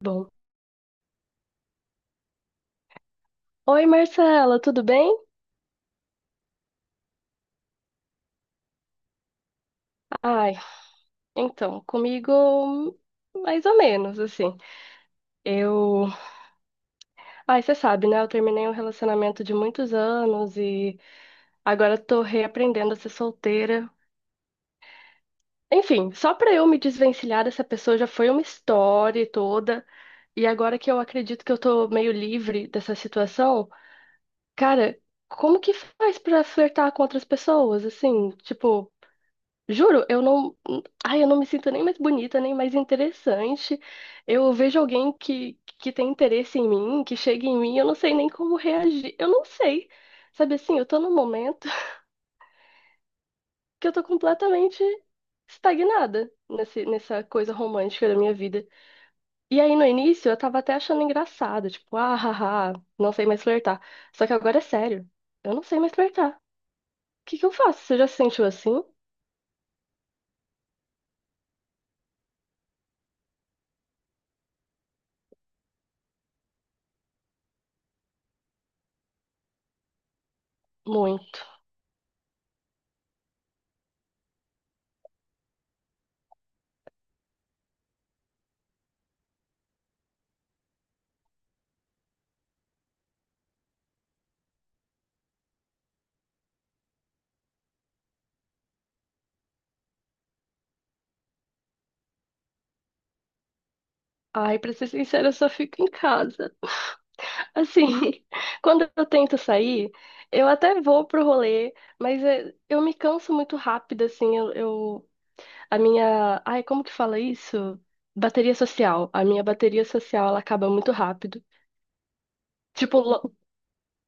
Bom. Oi, Marcela, tudo bem? Ai, então, comigo mais ou menos, assim. Eu, Ai, você sabe, né? Eu terminei um relacionamento de muitos anos e agora tô reaprendendo a ser solteira. Enfim, só pra eu me desvencilhar dessa pessoa já foi uma história e toda. E agora que eu acredito que eu tô meio livre dessa situação, cara, como que faz pra flertar com outras pessoas, assim? Tipo, juro, eu não. Ai, eu não me sinto nem mais bonita, nem mais interessante. Eu vejo alguém que tem interesse em mim, que chega em mim, eu não sei nem como reagir. Eu não sei. Sabe assim, eu tô num momento que eu tô completamente estagnada nessa coisa romântica da minha vida. E aí, no início, eu tava até achando engraçado, tipo, ah, haha, não sei mais flertar. Só que agora é sério, eu não sei mais flertar. O que que eu faço? Você já se sentiu assim? Muito. Ai, pra ser sincera, eu só fico em casa. Assim, quando eu tento sair, eu até vou pro rolê, mas é, eu me canso muito rápido, assim, ai, como que fala isso? Bateria social. A minha bateria social, ela acaba muito rápido. Tipo,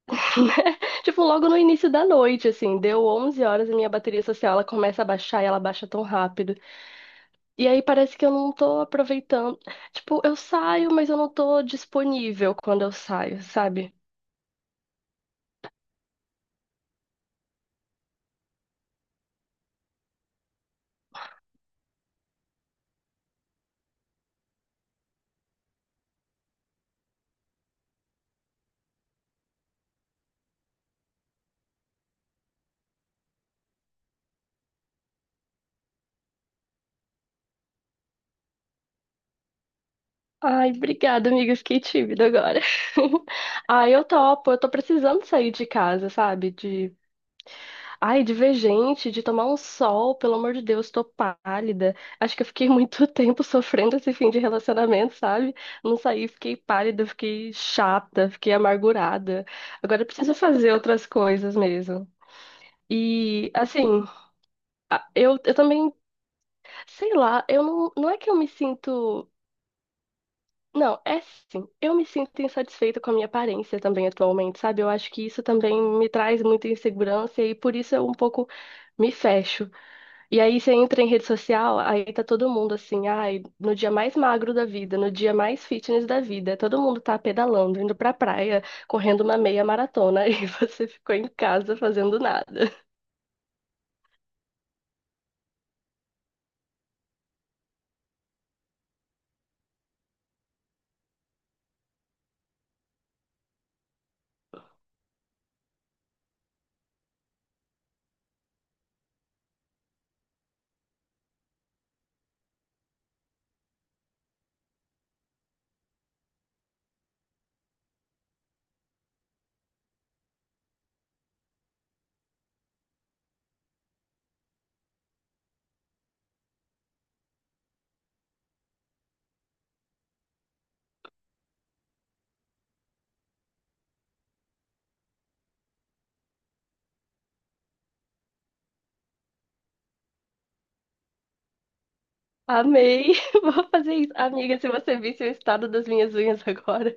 Tipo, logo no início da noite, assim, deu 11 horas, a minha bateria social, ela começa a baixar e ela baixa tão rápido. E aí parece que eu não tô aproveitando. Tipo, eu saio, mas eu não tô disponível quando eu saio, sabe? Ai, obrigada, amiga. Fiquei tímida agora. Ai, eu topo. Eu tô precisando sair de casa, sabe? De ver gente, de tomar um sol. Pelo amor de Deus, tô pálida. Acho que eu fiquei muito tempo sofrendo esse fim de relacionamento, sabe? Não saí, fiquei pálida, fiquei chata, fiquei amargurada. Agora eu preciso fazer outras coisas mesmo. E, assim, eu também, sei lá, eu não é que eu me sinto. Não, é sim. Eu me sinto insatisfeita com a minha aparência também atualmente, sabe? Eu acho que isso também me traz muita insegurança e por isso eu um pouco me fecho. E aí você entra em rede social, aí tá todo mundo assim, ai, no dia mais magro da vida, no dia mais fitness da vida, todo mundo tá pedalando, indo pra praia, correndo uma meia maratona e você ficou em casa fazendo nada. Amei, vou fazer isso. Amiga, se você visse o estado das minhas unhas agora.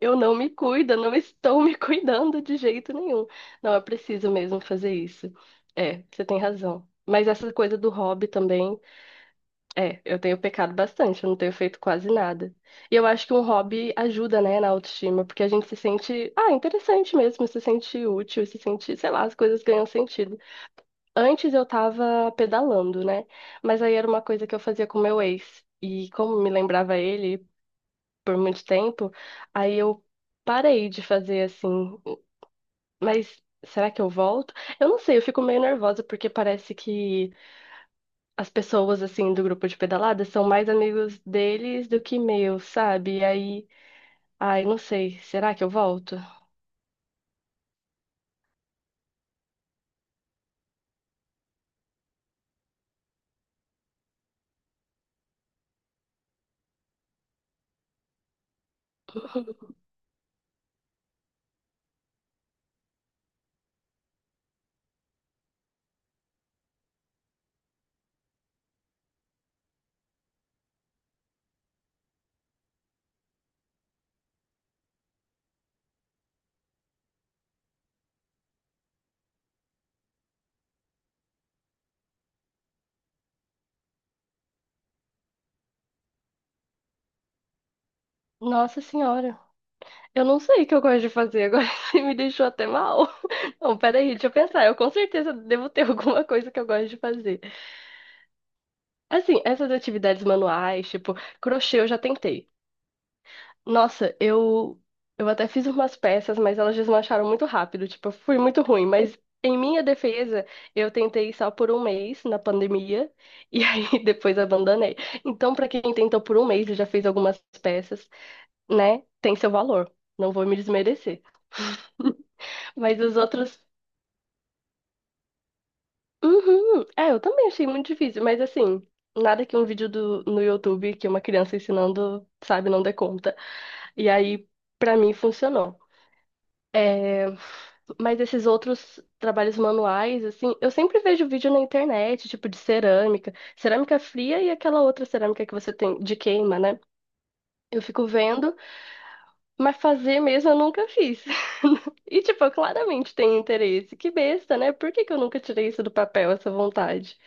Eu não me cuido, não estou me cuidando de jeito nenhum. Não, é preciso mesmo fazer isso. É, você tem razão. Mas essa coisa do hobby também, é, eu tenho pecado bastante, eu não tenho feito quase nada. E eu acho que um hobby ajuda, né, na autoestima, porque a gente se sente, ah, interessante mesmo, se sente útil, se sente, sei lá, as coisas ganham sentido. Antes eu tava pedalando, né? Mas aí era uma coisa que eu fazia com meu ex. E como me lembrava ele, por muito tempo, aí eu parei de fazer assim. Mas será que eu volto? Eu não sei, eu fico meio nervosa porque parece que as pessoas assim do grupo de pedalada são mais amigos deles do que meus, sabe? E aí, ai, não sei, será que eu volto? Nossa senhora, eu não sei o que eu gosto de fazer agora, você me deixou até mal. Não, peraí, deixa eu pensar. Eu com certeza devo ter alguma coisa que eu gosto de fazer. Assim, essas atividades manuais, tipo, crochê eu já tentei. Nossa, eu até fiz umas peças, mas elas desmancharam muito rápido, tipo, eu fui muito ruim, mas em minha defesa, eu tentei só por um mês na pandemia e aí depois abandonei. Então, pra quem tentou por um mês e já fez algumas peças, né, tem seu valor. Não vou me desmerecer. Mas os outros. Uhum. É, eu também achei muito difícil, mas assim, nada que um vídeo no YouTube que uma criança ensinando, sabe, não dê conta. E aí, pra mim, funcionou. É, mas esses outros trabalhos manuais, assim, eu sempre vejo vídeo na internet, tipo de cerâmica, cerâmica fria e aquela outra cerâmica que você tem de queima, né? Eu fico vendo, mas fazer mesmo eu nunca fiz. E, tipo, eu claramente tenho interesse. Que besta, né? Por que que eu nunca tirei isso do papel, essa vontade?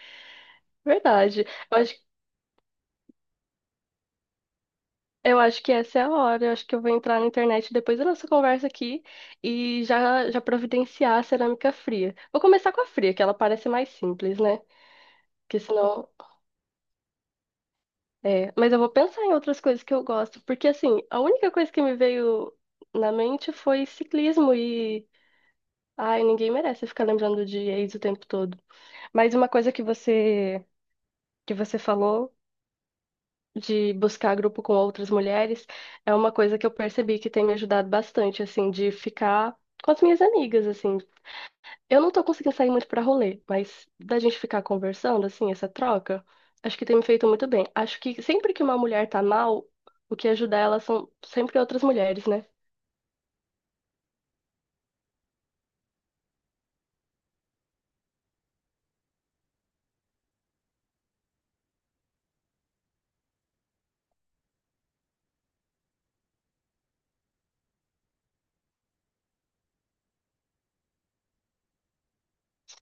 Verdade. Eu acho, eu acho que essa é a hora. Eu acho que eu vou entrar na internet depois da nossa conversa aqui e já, já providenciar a cerâmica fria. Vou começar com a fria, que ela parece mais simples, né? Porque senão. É. Mas eu vou pensar em outras coisas que eu gosto. Porque assim, a única coisa que me veio na mente foi ciclismo e. Ai, ninguém merece ficar lembrando de ex o tempo todo. Mas uma coisa que você falou de buscar grupo com outras mulheres é uma coisa que eu percebi que tem me ajudado bastante, assim, de ficar com as minhas amigas, assim. Eu não tô conseguindo sair muito pra rolê, mas da gente ficar conversando, assim, essa troca, acho que tem me feito muito bem. Acho que sempre que uma mulher tá mal, o que ajuda ela são sempre outras mulheres, né?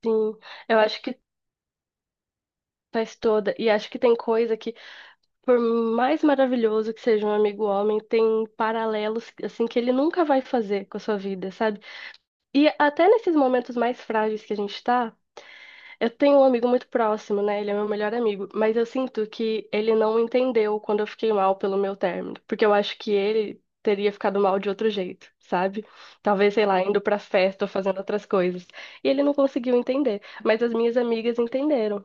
Sim, eu acho que faz toda. E acho que tem coisa que, por mais maravilhoso que seja um amigo homem, tem paralelos, assim, que ele nunca vai fazer com a sua vida, sabe? E até nesses momentos mais frágeis que a gente tá. Eu tenho um amigo muito próximo, né? Ele é meu melhor amigo, mas eu sinto que ele não entendeu quando eu fiquei mal pelo meu término, porque eu acho que ele teria ficado mal de outro jeito, sabe? Talvez, sei lá, indo pra festa ou fazendo outras coisas. E ele não conseguiu entender, mas as minhas amigas entenderam.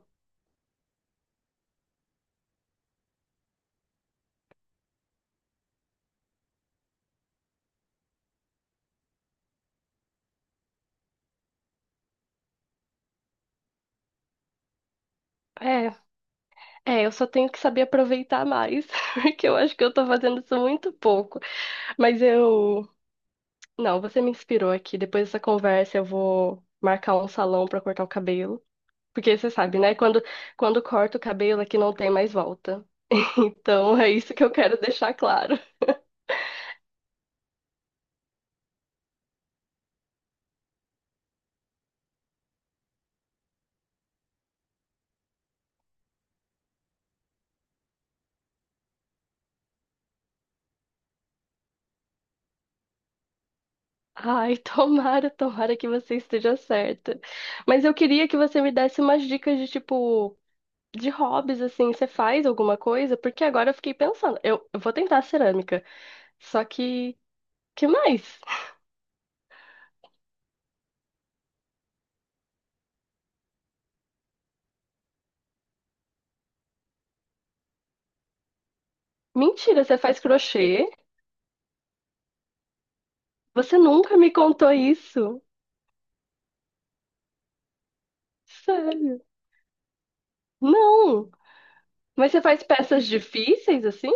É, é, eu só tenho que saber aproveitar mais, porque eu acho que eu tô fazendo isso muito pouco. Mas eu. Não, você me inspirou aqui. Depois dessa conversa, eu vou marcar um salão pra cortar o cabelo. Porque você sabe, né? Quando corta o cabelo aqui não tem mais volta. Então é isso que eu quero deixar claro. Ai, tomara, tomara que você esteja certa. Mas eu queria que você me desse umas dicas de tipo, de hobbies, assim, você faz alguma coisa? Porque agora eu fiquei pensando, eu vou tentar cerâmica. Só que mais? Mentira, você faz crochê? Você nunca me contou isso. Sério? Não. Mas você faz peças difíceis assim?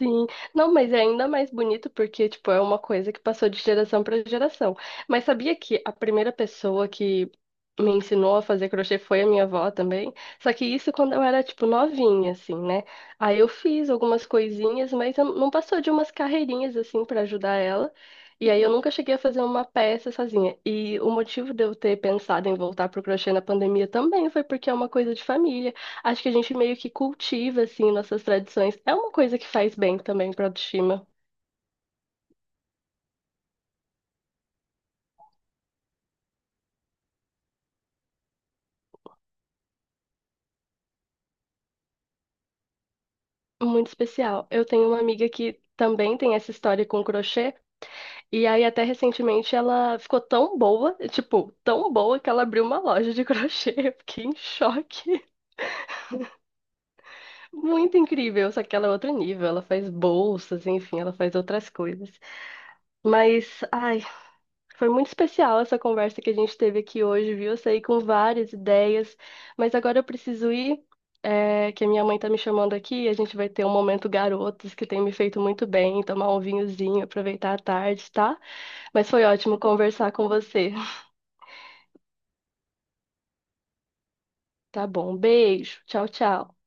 Sim, não, mas é ainda mais bonito porque, tipo, é uma coisa que passou de geração para geração. Mas sabia que a primeira pessoa que me ensinou a fazer crochê foi a minha avó também? Só que isso quando eu era, tipo, novinha, assim, né? Aí eu fiz algumas coisinhas, mas eu não passou de umas carreirinhas, assim, para ajudar ela. E aí eu nunca cheguei a fazer uma peça sozinha. E o motivo de eu ter pensado em voltar pro crochê na pandemia também foi porque é uma coisa de família. Acho que a gente meio que cultiva, assim, nossas tradições. É uma coisa que faz bem também pra autoestima. Muito especial. Eu tenho uma amiga que também tem essa história com crochê. E aí, até recentemente, ela ficou tão boa, tipo, tão boa que ela abriu uma loja de crochê. Eu fiquei em choque. Muito incrível. Só que ela é outro nível. Ela faz bolsas, enfim, ela faz outras coisas. Mas, ai, Foi muito especial essa conversa que a gente teve aqui hoje, viu? Eu saí com várias ideias, mas agora eu preciso ir, é, que a minha mãe tá me chamando aqui, e a gente vai ter um momento garotos que tem me feito muito bem, tomar um vinhozinho, aproveitar a tarde, tá? Mas foi ótimo conversar com você. Tá bom, beijo, tchau, tchau.